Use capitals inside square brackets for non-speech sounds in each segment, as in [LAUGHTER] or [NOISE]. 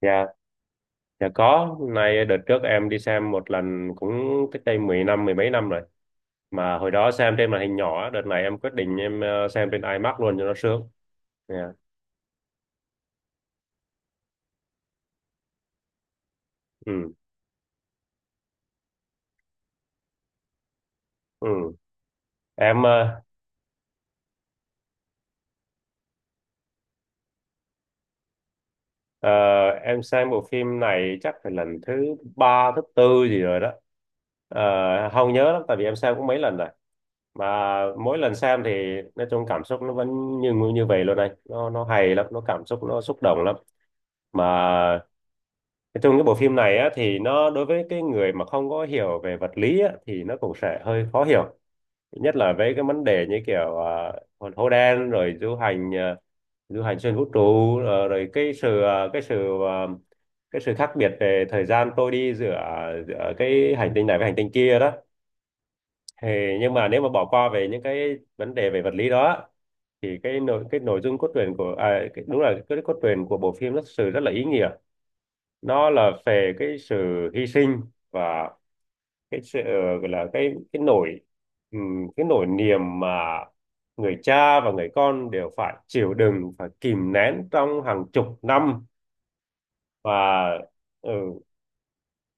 Dạ, dạ có. Hôm nay đợt trước em đi xem một lần cũng cách đây 10 năm, mười mấy năm rồi. Mà hồi đó xem trên màn hình nhỏ, đợt này em quyết định em xem trên IMAX luôn cho nó sướng. Dạ. Ừ, ừ. Em ờ, ờ, em xem bộ phim này chắc phải lần thứ ba, thứ tư gì rồi đó. Ờ, Không nhớ lắm, tại vì em xem cũng mấy lần rồi. Mà mỗi lần xem thì nói chung cảm xúc nó vẫn như như vậy luôn này. Nó hay lắm, nó cảm xúc nó xúc động lắm. Mà nói chung cái bộ phim này á, thì nó đối với cái người mà không có hiểu về vật lý á, thì nó cũng sẽ hơi khó hiểu, nhất là với cái vấn đề như kiểu à, hồn hố đen rồi du hành xuyên vũ trụ, rồi cái sự khác biệt về thời gian trôi đi giữa giữa cái hành tinh này với hành tinh kia đó thì nhưng mà nếu mà bỏ qua về những cái vấn đề về vật lý đó thì cái nội dung cốt truyện của đúng là cái cốt truyện của bộ phim nó thực sự rất là ý nghĩa. Nó là về cái sự hy sinh và cái sự, gọi là cái nỗi, cái nỗi niềm mà người cha và người con đều phải chịu đựng, phải kìm nén trong hàng chục năm và ừ,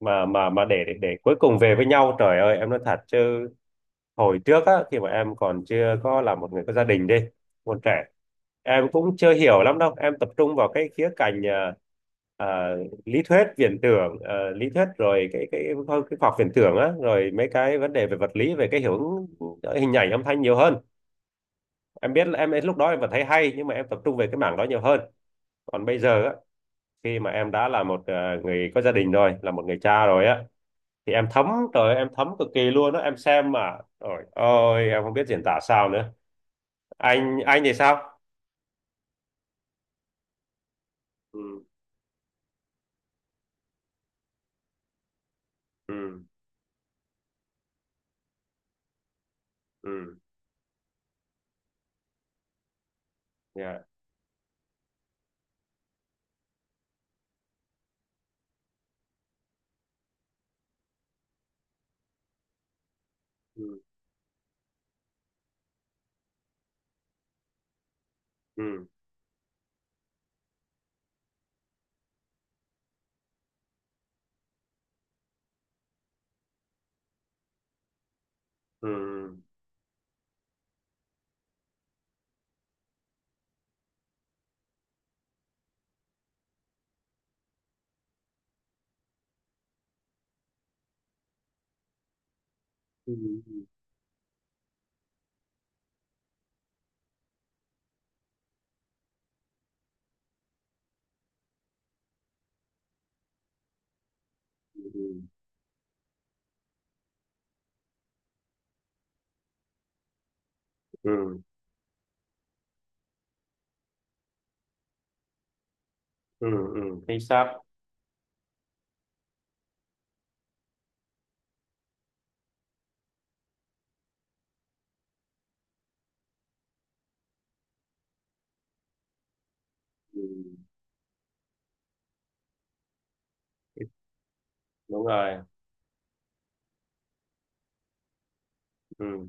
mà để cuối cùng về với nhau. Trời ơi em nói thật chứ, hồi trước á khi mà em còn chưa có là một người có gia đình đi, còn trẻ, em cũng chưa hiểu lắm đâu, em tập trung vào cái khía cạnh à, lý thuyết viễn tưởng, lý thuyết, rồi cái khoa học viễn tưởng á, rồi mấy cái vấn đề về vật lý, về cái hiệu ứng hình ảnh âm thanh nhiều hơn. Em biết là em lúc đó em vẫn thấy hay nhưng mà em tập trung về cái mảng đó nhiều hơn. Còn bây giờ á, khi mà em đã là một người có gia đình rồi, là một người cha rồi á, thì em thấm. Trời ơi, em thấm cực kỳ luôn đó, em xem mà ôi ôi em không biết diễn tả sao nữa. Anh thì sao? Ừ. Ừ. Ừ. Dạ. Ừ. Ừ. Ừ. Ừ. Ừ. Ừ. Ừ. Ừ chính xác. Ừ. Đúng rồi. Ừ.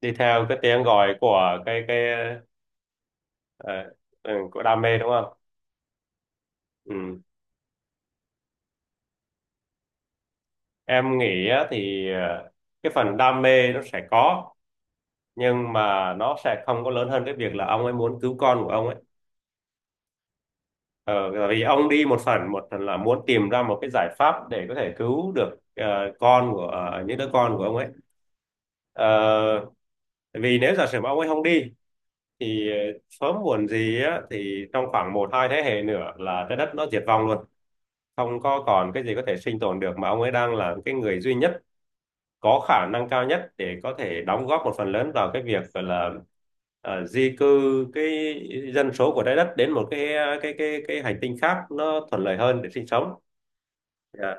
Đi theo cái tiếng gọi của cái ờ, ừ, của đam mê đúng không? Ừ. Em nghĩ á, thì cái phần đam mê nó sẽ có nhưng mà nó sẽ không có lớn hơn cái việc là ông ấy muốn cứu con của ông ấy. Ờ, vì ông đi một phần, một phần là muốn tìm ra một cái giải pháp để có thể cứu được con của những đứa con của ông ấy. Ờ, vì nếu giả sử mà ông ấy không đi thì sớm muộn gì á, thì trong khoảng một hai thế hệ nữa là trái đất nó diệt vong luôn, không có còn cái gì có thể sinh tồn được, mà ông ấy đang là cái người duy nhất có khả năng cao nhất để có thể đóng góp một phần lớn vào cái việc gọi là di cư cái dân số của trái đất đến một cái cái hành tinh khác nó thuận lợi hơn để sinh sống. Dạ.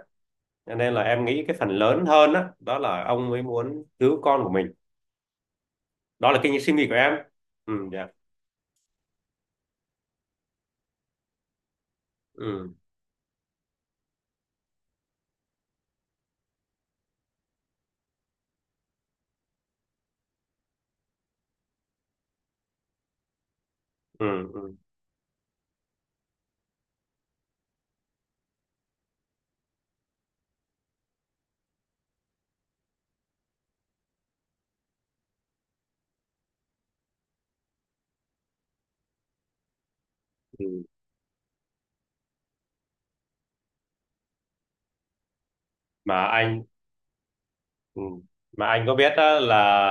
Cho nên là em nghĩ cái phần lớn hơn đó, đó là ông mới muốn cứu con của mình. Đó là cái suy nghĩ của em. Ừ, dạ. Ừ. Ừ. Ừ. Ừ. Mà anh, ừ, mà anh có biết đó là,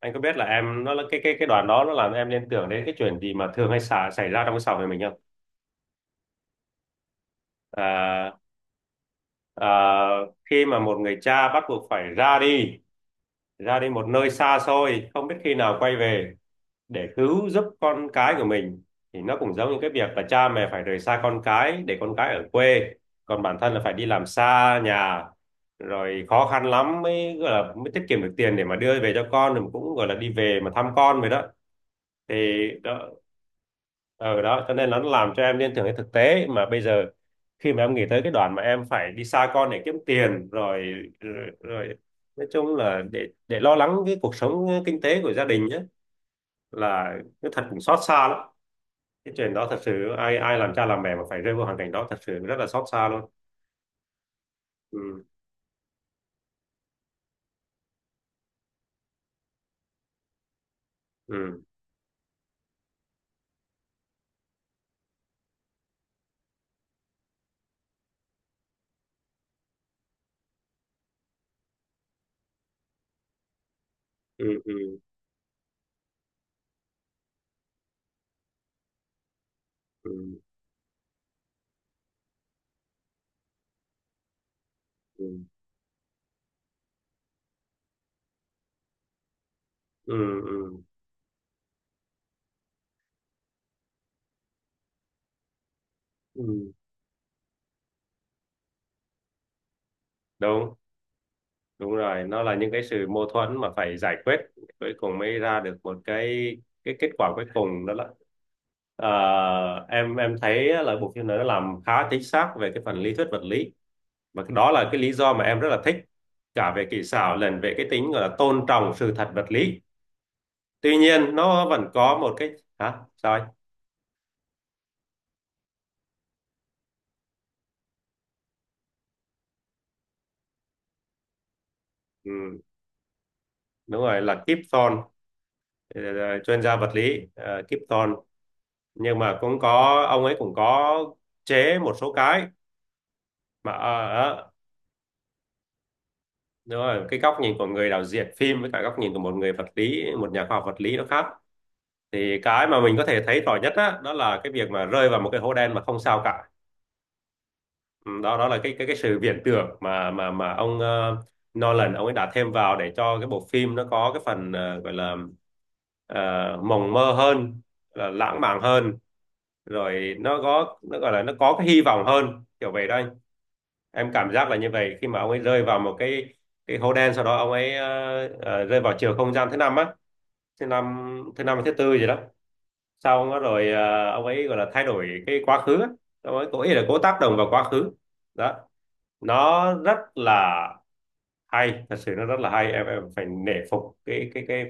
anh có biết là em nó là cái đoàn đó nó làm em liên tưởng đến cái chuyện gì mà thường hay xảy ra trong cái xã hội mình không? À, ờ, khi mà một người cha bắt buộc phải ra đi, ra đi một nơi xa xôi không biết khi nào quay về, để cứu giúp con cái của mình, thì nó cũng giống như cái việc là cha mẹ phải rời xa con cái để con cái ở quê, còn bản thân là phải đi làm xa nhà, rồi khó khăn lắm mới gọi là mới tiết kiệm được tiền để mà đưa về cho con, rồi cũng gọi là đi về mà thăm con vậy đó. Thì đó, ừ đó, cho nên nó làm cho em liên tưởng đến thực tế mà bây giờ, khi mà em nghĩ tới cái đoạn mà em phải đi xa con để kiếm tiền rồi, rồi, rồi nói chung là để lo lắng cái cuộc sống kinh tế của gia đình nhé, là cái thật cũng xót xa lắm. Cái chuyện đó thật sự ai ai làm cha làm mẹ mà phải rơi vào hoàn cảnh đó thật sự rất là xót xa luôn. Ừ. Ừ. Ừ. Ừ. Ừ. Ừ. Ừ. Ừ. Ừ. Đúng, đúng rồi, nó là những cái sự mâu thuẫn mà phải giải quyết, cuối cùng mới ra được một cái kết quả cuối cùng đó là, ờ, em thấy là bộ phim này nó làm khá chính xác về cái phần lý thuyết vật lý, và cái đó là cái lý do mà em rất là thích, cả về kỹ xảo lẫn về cái tính gọi là tôn trọng sự thật vật lý. Tuy nhiên nó vẫn có một cái, hả sao anh? Ừ, đúng rồi, là Kip Thorne. ờ, Chuyên gia vật lý, Kip Thorne. Nhưng mà cũng có, ông ấy cũng có chế một số cái mà, đúng rồi, cái góc nhìn của người đạo diễn phim với cả góc nhìn của một người vật lý, một nhà khoa học vật lý, nó khác. Thì cái mà mình có thể thấy rõ nhất á, đó là cái việc mà rơi vào một cái hố đen mà không sao cả. Ừ, đó đó là cái sự viễn tưởng mà ông Nolan ông ấy đã thêm vào để cho cái bộ phim nó có cái phần, gọi là, ờ, mộng mơ hơn, là lãng mạn hơn, rồi nó có, nó gọi là nó có cái hy vọng hơn kiểu vậy đó anh. Em cảm giác là như vậy khi mà ông ấy rơi vào một cái hố đen, sau đó ông ấy rơi vào chiều không gian thứ năm á, thứ năm, thứ năm hay thứ tư gì đó, xong đó rồi ông ấy gọi là thay đổi cái quá khứ á. Ông ấy cố ý là cố tác động vào quá khứ. Đó, nó rất là hay, thật sự nó rất là hay. Em phải nể phục cái cái cái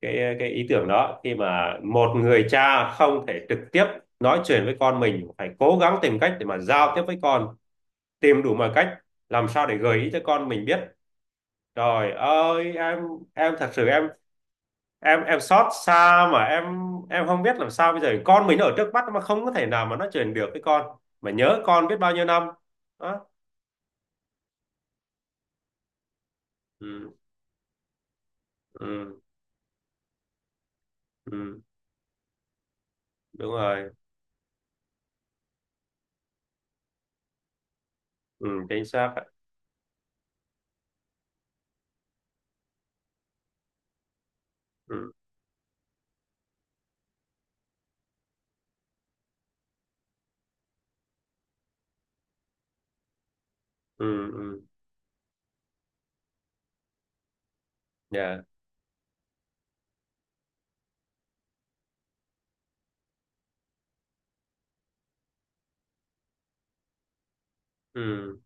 cái cái ý tưởng đó, khi mà một người cha không thể trực tiếp nói chuyện với con mình, phải cố gắng tìm cách để mà giao tiếp với con, tìm đủ mọi cách làm sao để gợi ý cho con mình biết. Trời ơi em thật sự em, em xót xa mà em không biết làm sao bây giờ, con mình nó ở trước mắt mà không có thể nào mà nó truyền được cái, con mà nhớ con biết bao nhiêu năm. Đó. Ừ. Ừ. Ừ. Đúng rồi. Ừ, chính xác ạ. Ừ. Ừ. Ừ. Dạ. Ừ.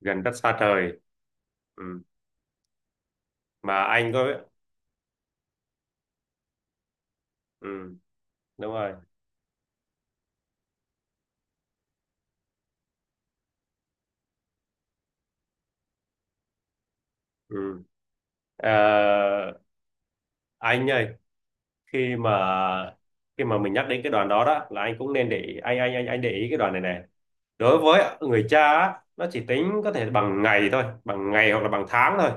Gần đất xa trời. Ừ. Mà anh có. Ừ, đúng rồi. Ừ. Ờ, anh ơi, khi mà, khi mà mình nhắc đến cái đoàn đó đó là anh cũng nên để ý- anh để ý cái đoàn này này, đối với người cha á, nó chỉ tính có thể bằng ngày thôi, bằng ngày hoặc là bằng tháng thôi.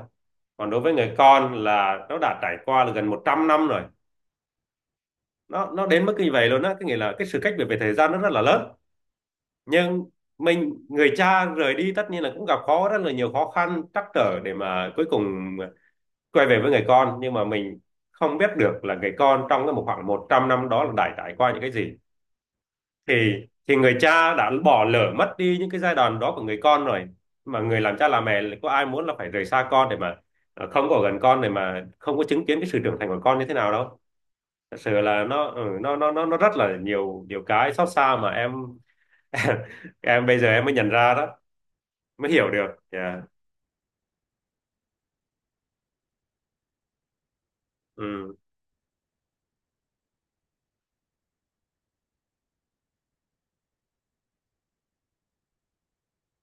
Còn đối với người con là nó đã trải qua là gần 100 năm rồi, nó đến mức như vậy luôn á, cái nghĩa là cái sự cách biệt về thời gian nó rất là lớn. Nhưng mình, người cha rời đi tất nhiên là cũng gặp khó, rất là nhiều khó khăn trắc trở để mà cuối cùng quay về với người con, nhưng mà mình không biết được là người con trong cái một khoảng 100 năm đó là đã trải qua những cái gì, thì người cha đã bỏ lỡ mất đi những cái giai đoạn đó của người con rồi. Mà người làm cha làm mẹ có ai muốn là phải rời xa con để mà không có ở gần con, để mà không có chứng kiến cái sự trưởng thành của con như thế nào đâu. Thật sự là nó, ừ, nó rất là nhiều, nhiều cái xót xa mà em. [LAUGHS] Em bây giờ em mới nhận ra đó, mới hiểu được. Dạ. Ừ.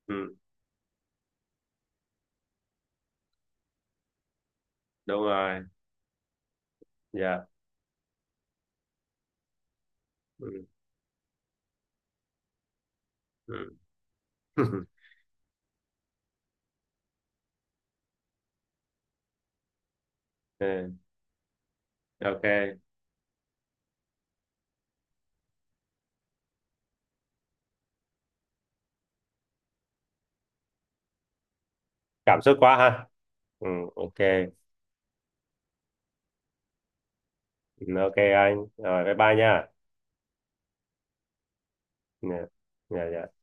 Ừ, đúng rồi. Dạ. Ừ. Ừ. [LAUGHS] Ừ, ok. Cảm xúc quá ha. Ừ, ok. Ừ, ok anh, rồi bye bye nha. Dạ. Dạ dạ.